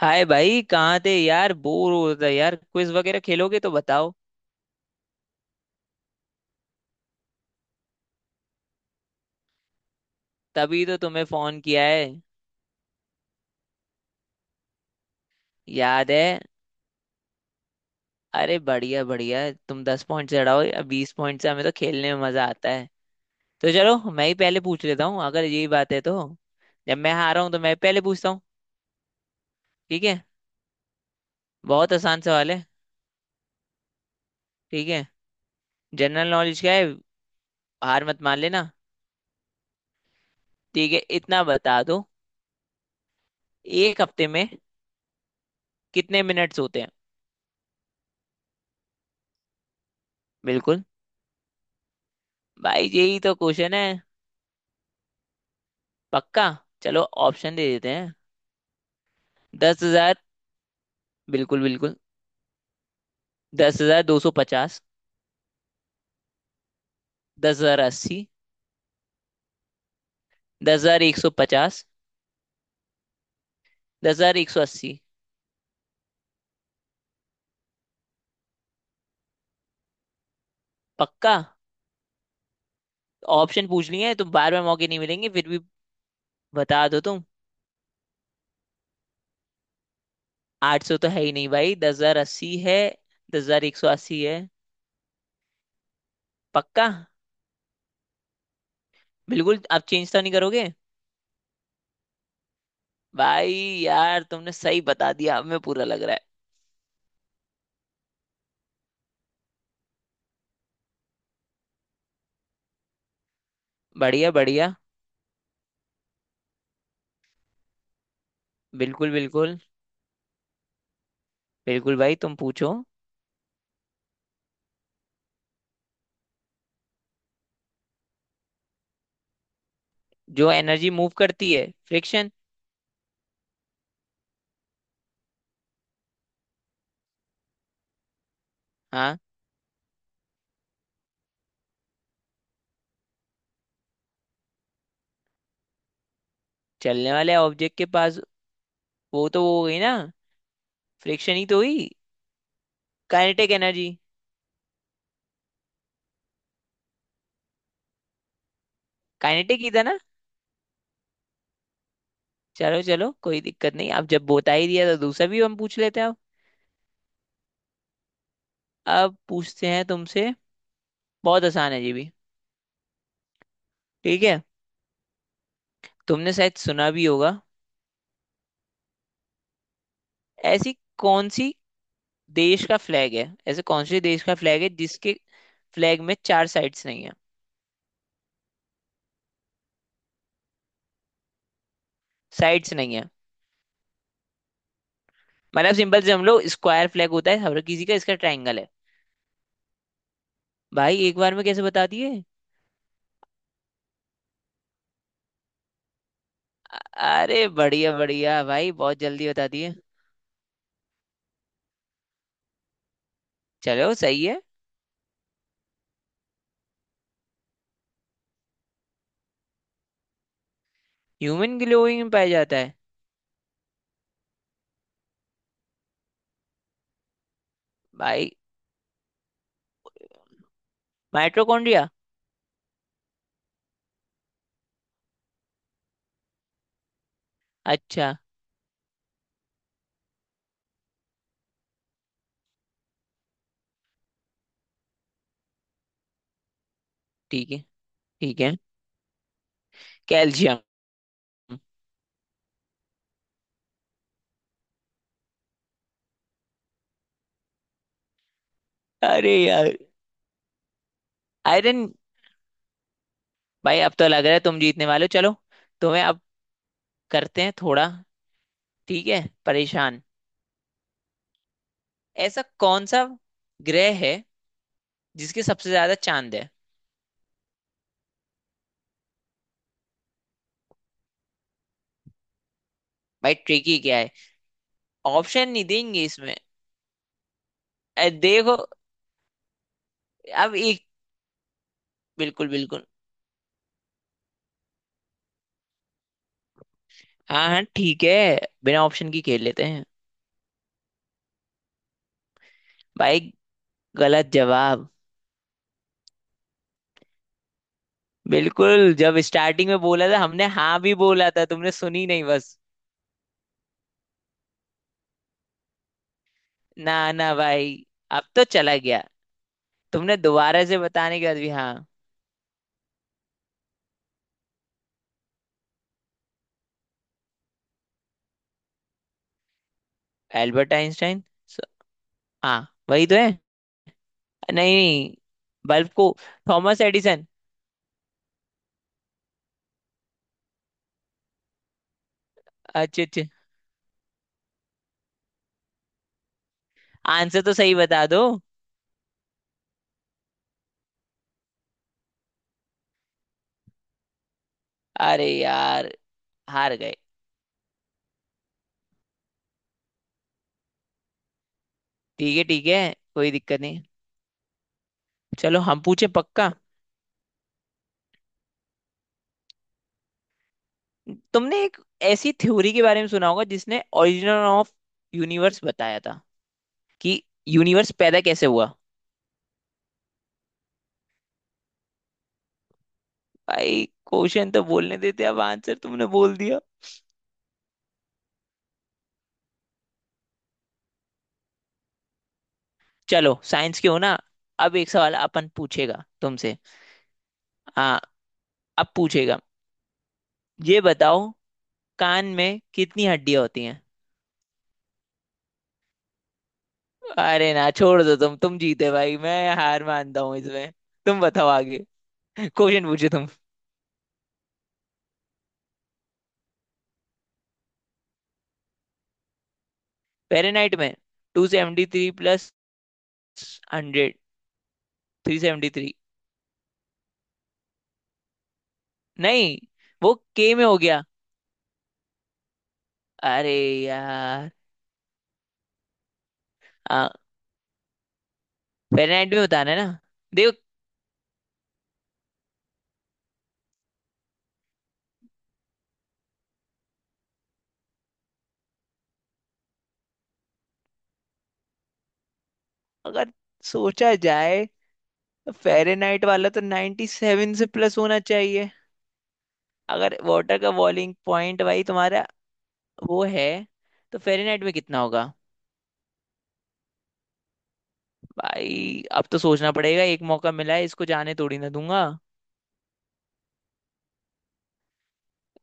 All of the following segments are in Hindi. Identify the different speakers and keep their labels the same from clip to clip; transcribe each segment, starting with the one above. Speaker 1: हाय भाई, कहाँ थे यार? बोर हो रहा था यार। क्विज वगैरह खेलोगे तो बताओ। तभी तो तुम्हें फोन किया है। याद है। अरे बढ़िया बढ़िया। तुम दस पॉइंट से हड़ाओ या बीस पॉइंट से, हमें तो खेलने में मजा आता है। तो चलो, मैं ही पहले पूछ लेता हूँ अगर यही बात है तो। जब मैं हारा हूँ तो मैं पहले पूछता हूँ। ठीक है। बहुत आसान सवाल है। ठीक है। जनरल नॉलेज का है। हार मत मान लेना। ठीक है, इतना बता दो। एक हफ्ते में कितने मिनट्स होते हैं? बिल्कुल। भाई यही तो क्वेश्चन है। पक्का। चलो। ऑप्शन दे देते हैं। 10,000। बिल्कुल बिल्कुल। 10,250। 10,080। 10,150। 10,180। पक्का। ऑप्शन पूछ लिए हैं तो बार बार मौके नहीं मिलेंगे, फिर भी बता दो तुम। 800 तो है ही नहीं भाई, 10,080 है। 10,180 है। पक्का। बिल्कुल आप चेंज तो नहीं करोगे? भाई। यार तुमने सही बता दिया, अब मैं पूरा लग रहा है। बढ़िया बढ़िया। बिल्कुल बिल्कुल। बिल्कुल भाई, तुम पूछो। जो एनर्जी मूव करती है, फ्रिक्शन। हाँ। चलने वाले ऑब्जेक्ट के पास। वो तो वो हो गई ना। फ्रिक्शन ही तो हुई। Kinetic energy. काइनेटिक ही था ना। चलो चलो, कोई दिक्कत नहीं। अब जब बता ही दिया तो दूसरा भी हम पूछ लेते हैं अब। अब पूछते हैं तुमसे। बहुत आसान है जी भी। ठीक है। तुमने शायद सुना भी होगा। ऐसी कौन सी देश का फ्लैग है ऐसे कौन से देश का फ्लैग है जिसके फ्लैग में चार साइड्स नहीं है? साइड्स नहीं है। मतलब सिंपल से, हम लोग स्क्वायर फ्लैग होता है हर किसी का, इसका ट्रायंगल है। भाई एक बार में कैसे बता दिए? अरे बढ़िया बढ़िया भाई, बहुत जल्दी बता दिए। चलो सही है। ह्यूमन ग्लोइंग में पाया जाता है। भाई। माइटोकॉन्ड्रिया। अच्छा। ठीक है। ठीक है। कैल्शियम। अरे यार। आयरन। भाई अब तो लग रहा है तुम जीतने वाले हो, चलो। तुम्हें अब करते हैं थोड़ा। ठीक है। परेशान। ऐसा कौन सा ग्रह है जिसके सबसे ज्यादा चांद है? भाई ट्रिकी क्या है? ऑप्शन नहीं देंगे इसमें। देखो। अब एक। बिल्कुल बिल्कुल। हाँ हाँ ठीक है। बिना ऑप्शन की खेल लेते हैं। भाई। गलत जवाब। बिल्कुल, जब स्टार्टिंग में बोला था हमने, हाँ भी बोला था, तुमने सुनी नहीं बस। ना ना भाई। अब तो चला गया। तुमने दोबारा से बताने के बाद भी हाँ। एल्बर्ट आइंस्टाइन स- हाँ वही तो है। नहीं नहीं। बल्ब को। Thomas Edison. अच्छे अच्छे। आंसर तो सही बता दो। अरे यार। हार गए। ठीक है ठीक है। कोई दिक्कत नहीं। चलो हम पूछे पक्का। तुमने एक ऐसी थ्योरी के बारे में सुना होगा जिसने ओरिजिन ऑफ यूनिवर्स बताया था, कि यूनिवर्स पैदा कैसे हुआ। भाई क्वेश्चन तो बोलने देते, अब आंसर तुमने बोल दिया। चलो साइंस के हो ना। अब एक सवाल अपन पूछेगा तुमसे। हाँ। अब पूछेगा। ये बताओ। कान में कितनी हड्डियां होती हैं? अरे ना छोड़ दो, तुम जीते भाई, मैं हार मानता हूँ इसमें। तुम बताओ आगे। क्वेश्चन पूछो तुम। फेरेनहाइट में। Two seventy three plus hundred three. नहीं। वो के में हो गया। अरे यार। आ, फेरेनहाइट में बताना है ना? देखो। अगर सोचा जाए तो फेरेनहाइट वाला तो 97 से प्लस होना चाहिए। अगर वाटर का बॉइलिंग पॉइंट भाई तुम्हारा वो है तो फेरेनहाइट में कितना होगा? भाई अब तो सोचना पड़ेगा, एक मौका मिला है, इसको जाने थोड़ी ना दूंगा।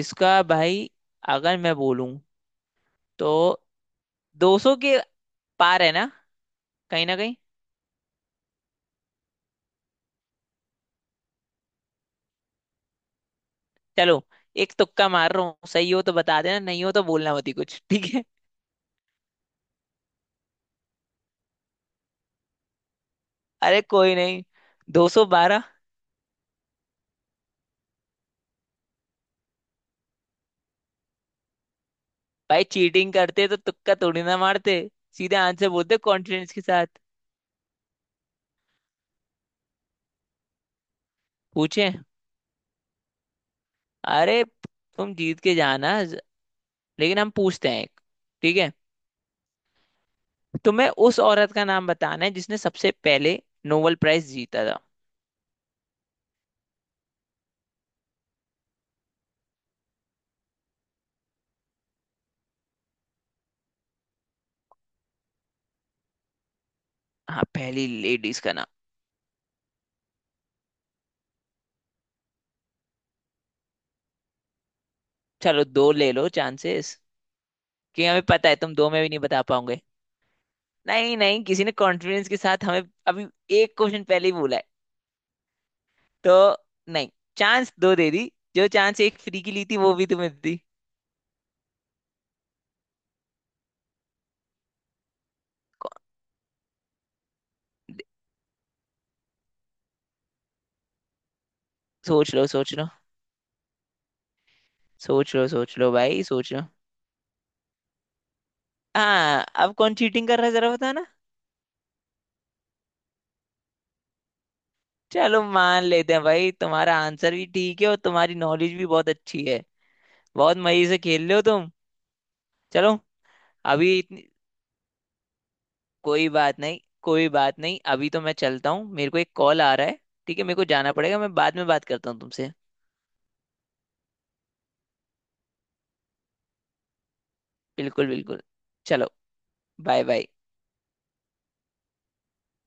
Speaker 1: इसका भाई। अगर मैं बोलूं तो 200 के पार है ना, कहीं ना कहीं। चलो एक तुक्का मार रहा हूँ, सही हो तो बता देना, नहीं हो तो बोलना मत ही कुछ ठीक है। अरे कोई नहीं। 212। भाई चीटिंग करते तो तुक्का थोड़ी ना मारते। सीधे आंसर बोलते कॉन्फिडेंस के साथ। पूछे। अरे। तुम जीत के जाना। लेकिन हम पूछते हैं एक। ठीक है। तुम्हें उस औरत का नाम बताना है जिसने सबसे पहले नोबेल प्राइज जीता था। हाँ पहली लेडीज का नाम। चलो दो ले लो चांसेस। कि हमें पता है तुम दो में भी नहीं बता पाओगे। नहीं नहीं, किसी ने कॉन्फिडेंस के साथ हमें अभी एक क्वेश्चन पहले ही बोला है तो। नहीं। चांस दो दे दी। जो चांस एक फ्री की ली थी वो भी तुम्हें दी कौन- दे- सोच लो सोच लो। सोच लो सोच लो भाई सोच लो। हाँ अब कौन चीटिंग कर रहा है जरा बताना। चलो मान लेते हैं भाई, तुम्हारा आंसर भी ठीक है और तुम्हारी नॉलेज भी बहुत अच्छी है। बहुत मजे से खेल रहे हो तुम। चलो। अभी इतनी। कोई बात नहीं, कोई बात नहीं, अभी तो मैं चलता हूँ, मेरे को एक कॉल आ रहा है। ठीक है, मेरे को जाना पड़ेगा, मैं बाद में बात करता हूँ तुमसे। बिल्कुल बिल्कुल। चलो। Bye bye.